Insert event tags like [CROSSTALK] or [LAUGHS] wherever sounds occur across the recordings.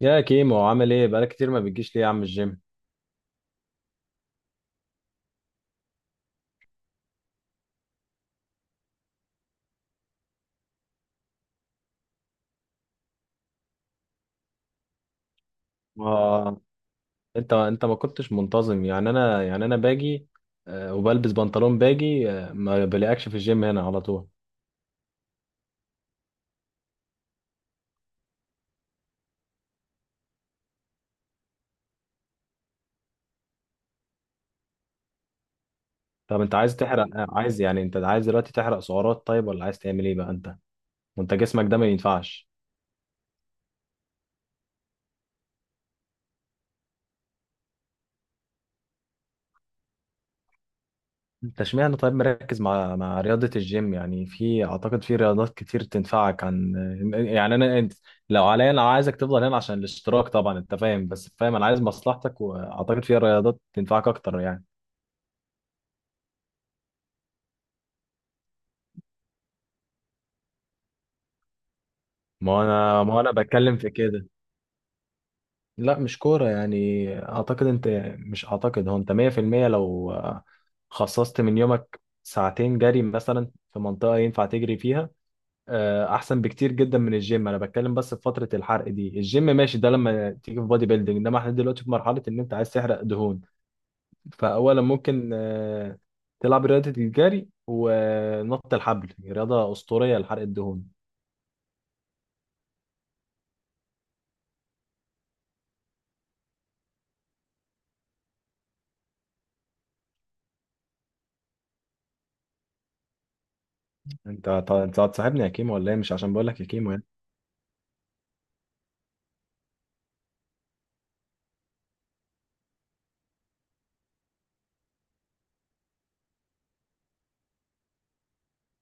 يا كيمو، عامل ايه؟ بقالك كتير ما بتجيش ليه يا عم الجيم؟ ما انت ما كنتش منتظم يعني. انا باجي، وبلبس بنطلون باجي، ما بلاقيكش في الجيم هنا على طول. طب انت عايز تحرق، عايز يعني انت عايز دلوقتي تحرق سعرات، طيب، ولا عايز تعمل ايه بقى انت؟ وانت جسمك ده ما ينفعش. انت اشمعنى طيب مركز مع رياضة الجيم؟ يعني في اعتقد في رياضات كتير تنفعك عن، يعني انا انت، لو عليا انا عايزك تفضل هنا عشان الاشتراك طبعا، انت فاهم، بس فاهم انا عايز مصلحتك، واعتقد في رياضات تنفعك اكتر يعني. ما انا بتكلم في كده. لا مش كورة يعني، اعتقد انت، مش اعتقد، هو انت 100%، لو خصصت من يومك ساعتين جري مثلا في منطقة ينفع تجري فيها، احسن بكتير جدا من الجيم. انا بتكلم بس في فتره الحرق دي، الجيم ماشي، ده لما تيجي في بادي بيلدينج، انما احنا دلوقتي في مرحله ان انت عايز تحرق دهون. فاولا ممكن تلعب رياضه الجري، ونط الحبل رياضه اسطوريه لحرق الدهون. انت هتصاحبني يا كيمو ولا ايه؟ مش عشان بقول لك يا كيمو يعني.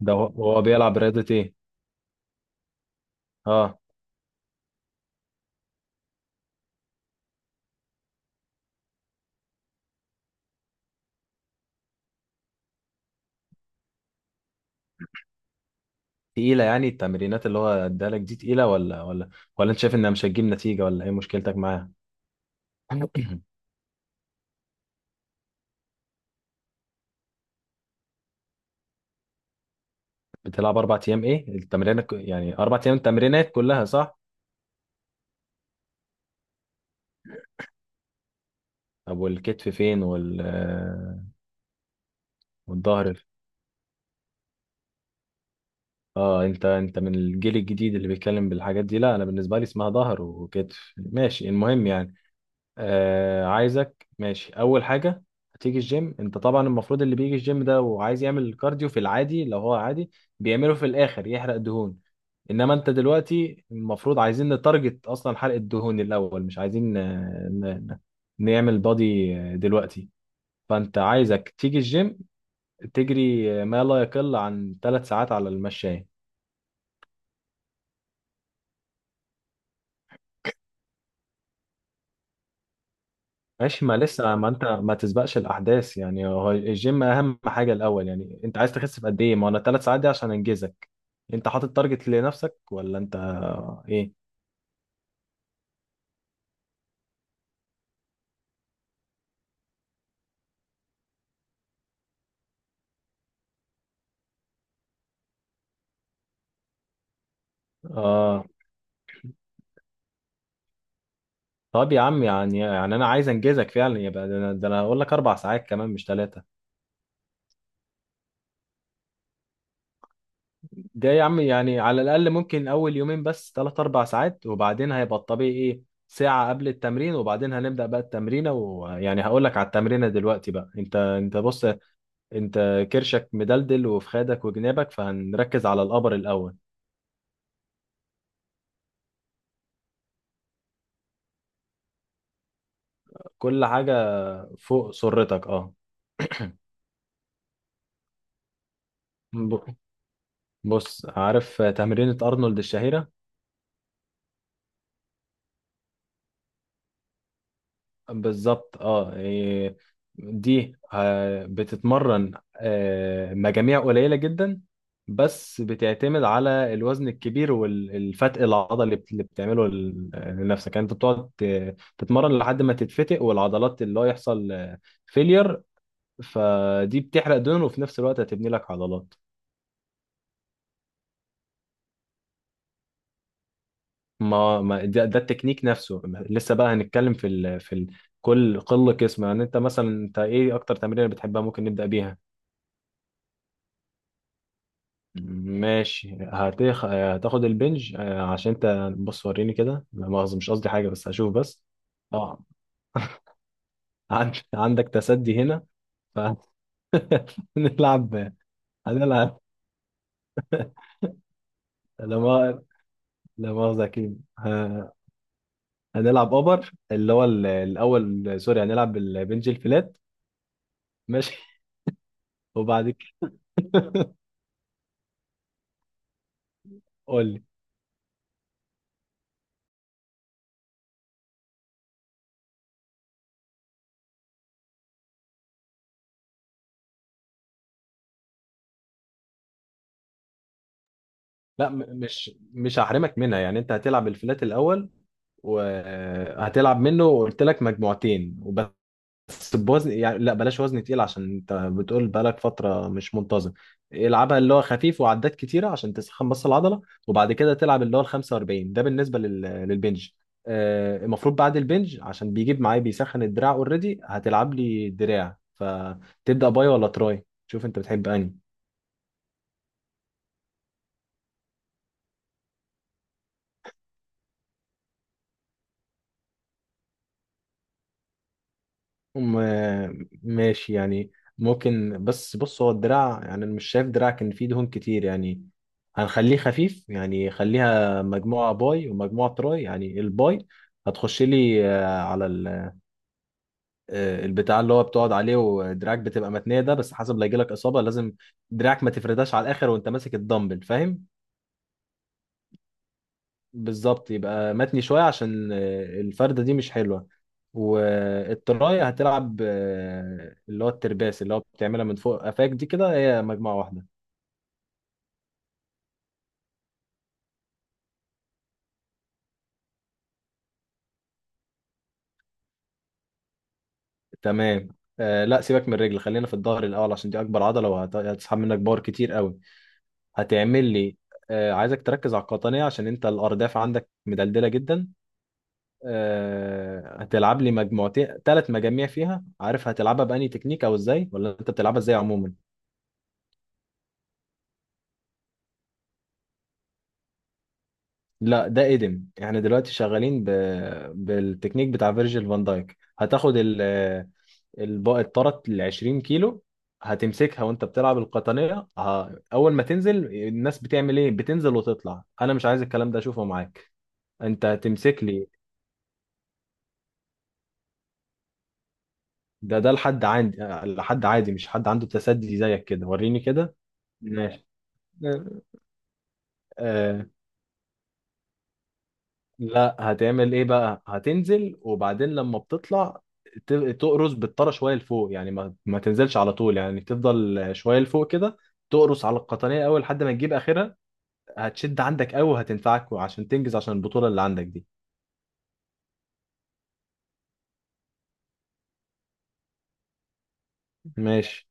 ده هو بيلعب رياضه ايه؟ اه. تقيله يعني؟ التمرينات اللي هو ادالك دي تقيله، ولا ولا انت شايف انها مش هتجيب نتيجه، ولا ايه مشكلتك معاها؟ [COUGHS] بتلعب 4 ايام؟ ايه التمرين يعني؟ 4 ايام التمرينات كلها صح؟ طب والكتف فين؟ وال والظهر اه. انت من الجيل الجديد اللي بيتكلم بالحاجات دي. لا، انا بالنسبه لي اسمها ظهر وكتف، ماشي، المهم يعني. آه، عايزك ماشي. اول حاجه هتيجي الجيم. انت طبعا المفروض اللي بيجي الجيم ده وعايز يعمل كارديو في العادي، لو هو عادي، بيعمله في الاخر يحرق دهون. انما انت دلوقتي المفروض عايزين نتارجت اصلا حرق الدهون الاول، مش عايزين نعمل بادي دلوقتي. فانت عايزك تيجي الجيم تجري ما لا يقل عن 3 ساعات على المشاية. ماشي، ما لسه، ما ما تسبقش الاحداث يعني. هو الجيم اهم حاجة الاول. يعني انت عايز تخس في قد ايه؟ ما انا 3 ساعات دي عشان انجزك. انت حاطط تارجت لنفسك، ولا انت ايه؟ اه. طب يا عم، يعني انا عايز انجزك فعلا، يبقى ده، انا ده أنا هقول لك 4 ساعات كمان مش 3. ده يا عم يعني، على الأقل ممكن أول يومين بس تلات أربع ساعات، وبعدين هيبقى الطبيعي إيه؟ ساعة قبل التمرين، وبعدين هنبدأ بقى التمرينة. ويعني هقول لك على التمرينة دلوقتي بقى. أنت بص، أنت كرشك مدلدل، وفي خدك وجنابك، فهنركز على الأبر الأول. كل حاجة فوق سرتك، أه. ب- بص، عارف تمرينة أرنولد الشهيرة؟ بالظبط. اه، إيه، دي بتتمرن مجاميع قليلة جدا، بس بتعتمد على الوزن الكبير والفتق العضلي اللي بتعمله لنفسك. يعني انت بتقعد تتمرن لحد ما تتفتق، والعضلات اللي هو يحصل فيلير. فدي بتحرق دهن، وفي نفس الوقت هتبني لك عضلات. ده التكنيك نفسه. لسه بقى هنتكلم في ال... في ال... كل قله قسم. يعني انت مثلا، انت ايه اكتر تمرين بتحبها، ممكن نبدأ بيها. ماشي، هتخ... هتاخد البنج. عشان انت، بص وريني كده، لا مؤاخذة مش قصدي حاجة، بس هشوف بس. اه، عند... عندك تسدي هنا، فهنلعب. [LAUGHS] هنلعب، لا ما- لا مؤاخذة، أكيد هنلعب أوبر اللي هو ال- الأول، سوري، هنلعب البنج الفلات، ماشي. [LAUGHS] وبعد كده. قول لي. لا، مش هحرمك منها، يعني أنت هتلعب الفلات الأول، وهتلعب منه قلت لك مجموعتين، بس بوزن يعني، لا بلاش وزن تقيل عشان انت بتقول بقالك فترة مش منتظم. العبها اللي هو خفيف وعدات كتيرة عشان تسخن بس العضلة. وبعد كده تلعب اللي هو ال 45، ده بالنسبة لل... للبنج. المفروض بعد البنج عشان بيجيب معايا بيسخن الدراع اوريدي، هتلعب لي دراع. فتبدأ باي ولا تراي؟ شوف انت بتحب انهي. ماشي يعني، ممكن. بس بص، هو الدراع يعني أنا مش شايف دراع كان فيه دهون كتير يعني. هنخليه خفيف، يعني خليها مجموعة باي ومجموعة تراي. يعني الباي هتخش لي على ال- البتاع اللي هو بتقعد عليه، ودراعك بتبقى متنية، ده بس حسب لا يجيلك إصابة. لازم دراعك ما تفرداش على الآخر وأنت ماسك الدمبل، فاهم؟ بالظبط، يبقى متني شوية عشان الفردة دي مش حلوة. والتراية هتلعب اللي هو الترباس اللي هو بتعملها من فوق قفاك دي، كده هي مجموعة واحدة. تمام. آه، لا سيبك من الرجل، خلينا في الظهر الأول عشان دي أكبر عضلة، وهتسحب منك باور كتير قوي. هتعمل لي، آه، عايزك تركز على القطنية عشان أنت الأرداف عندك مدلدلة جدا. آه، هتلعب لي مجموعتين، 3 مجاميع فيها. عارف هتلعبها بأني تكنيك أو إزاي، ولا أنت بتلعبها إزاي عموما؟ لا، ده قدم، احنا دلوقتي شغالين ب... بالتكنيك بتاع فيرجيل فان دايك. هتاخد ال... الب... الطرت ال 20 كيلو، هتمسكها وانت بتلعب القطنية. ه... اول ما تنزل، الناس بتعمل ايه؟ بتنزل وتطلع. انا مش عايز الكلام ده اشوفه معاك. انت هتمسك لي. ده لحد عندي، لحد عادي، مش حد عنده تسدي زيك كده، وريني كده. ماشي. لا، هتعمل ايه بقى؟ هتنزل، وبعدين لما بتطلع تقرص بالطرى شويه لفوق. يعني ما تنزلش على طول، يعني تفضل شويه لفوق كده، تقرص على القطنيه اول لحد ما تجيب اخرها. هتشد عندك قوي، وهتنفعك عشان تنجز، عشان البطوله اللي عندك دي. ماشي.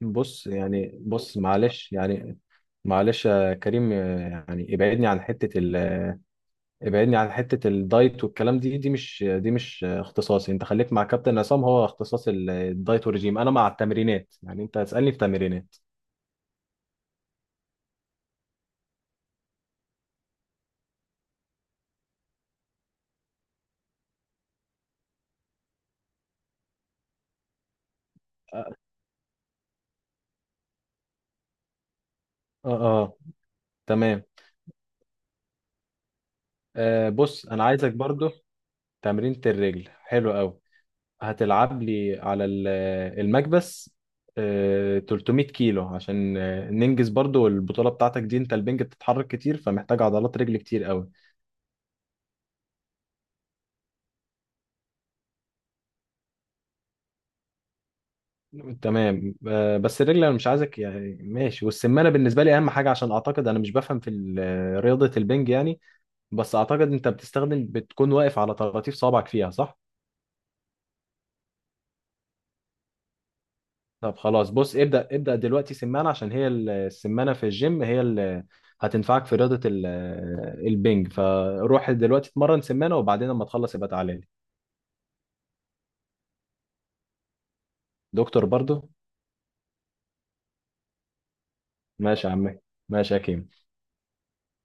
بص يعني، بص معلش يعني، معلش يا كريم يعني، ابعدني عن حته ال، ابعدني عن حتة الدايت والكلام. دي مش اختصاصي. انت خليك مع كابتن عصام، هو اختصاص ال- الدايت والرجيم، انا مع التمرينات. يعني انت هتسألني في تمرينات. اه. اه. تمام. آه، بص انا عايزك برضو. تمرينة الرجل حلو قوي. هتلعب لي على ال- المكبس، آه 300 كيلو، عشان ننجز برضو البطولة بتاعتك دي. انت البنج بتتحرك كتير، فمحتاج عضلات رجل كتير قوي. تمام، بس الرجل انا مش عايزك يعني ماشي. والسمانه بالنسبه لي اهم حاجه، عشان اعتقد انا مش بفهم في ال- رياضه البنج يعني. بس اعتقد انت بتستخدم، بتكون واقف على طراطيف صوابعك فيها، صح؟ طب خلاص بص، ابدا دلوقتي سمانه، عشان هي ال- السمانه في الجيم هي اللي هتنفعك في رياضه ال- البنج. فروح دلوقتي اتمرن سمانه، وبعدين لما تخلص يبقى تعالى لي. دكتور برضو. ماشي يا عمي. ماشي يا كيم.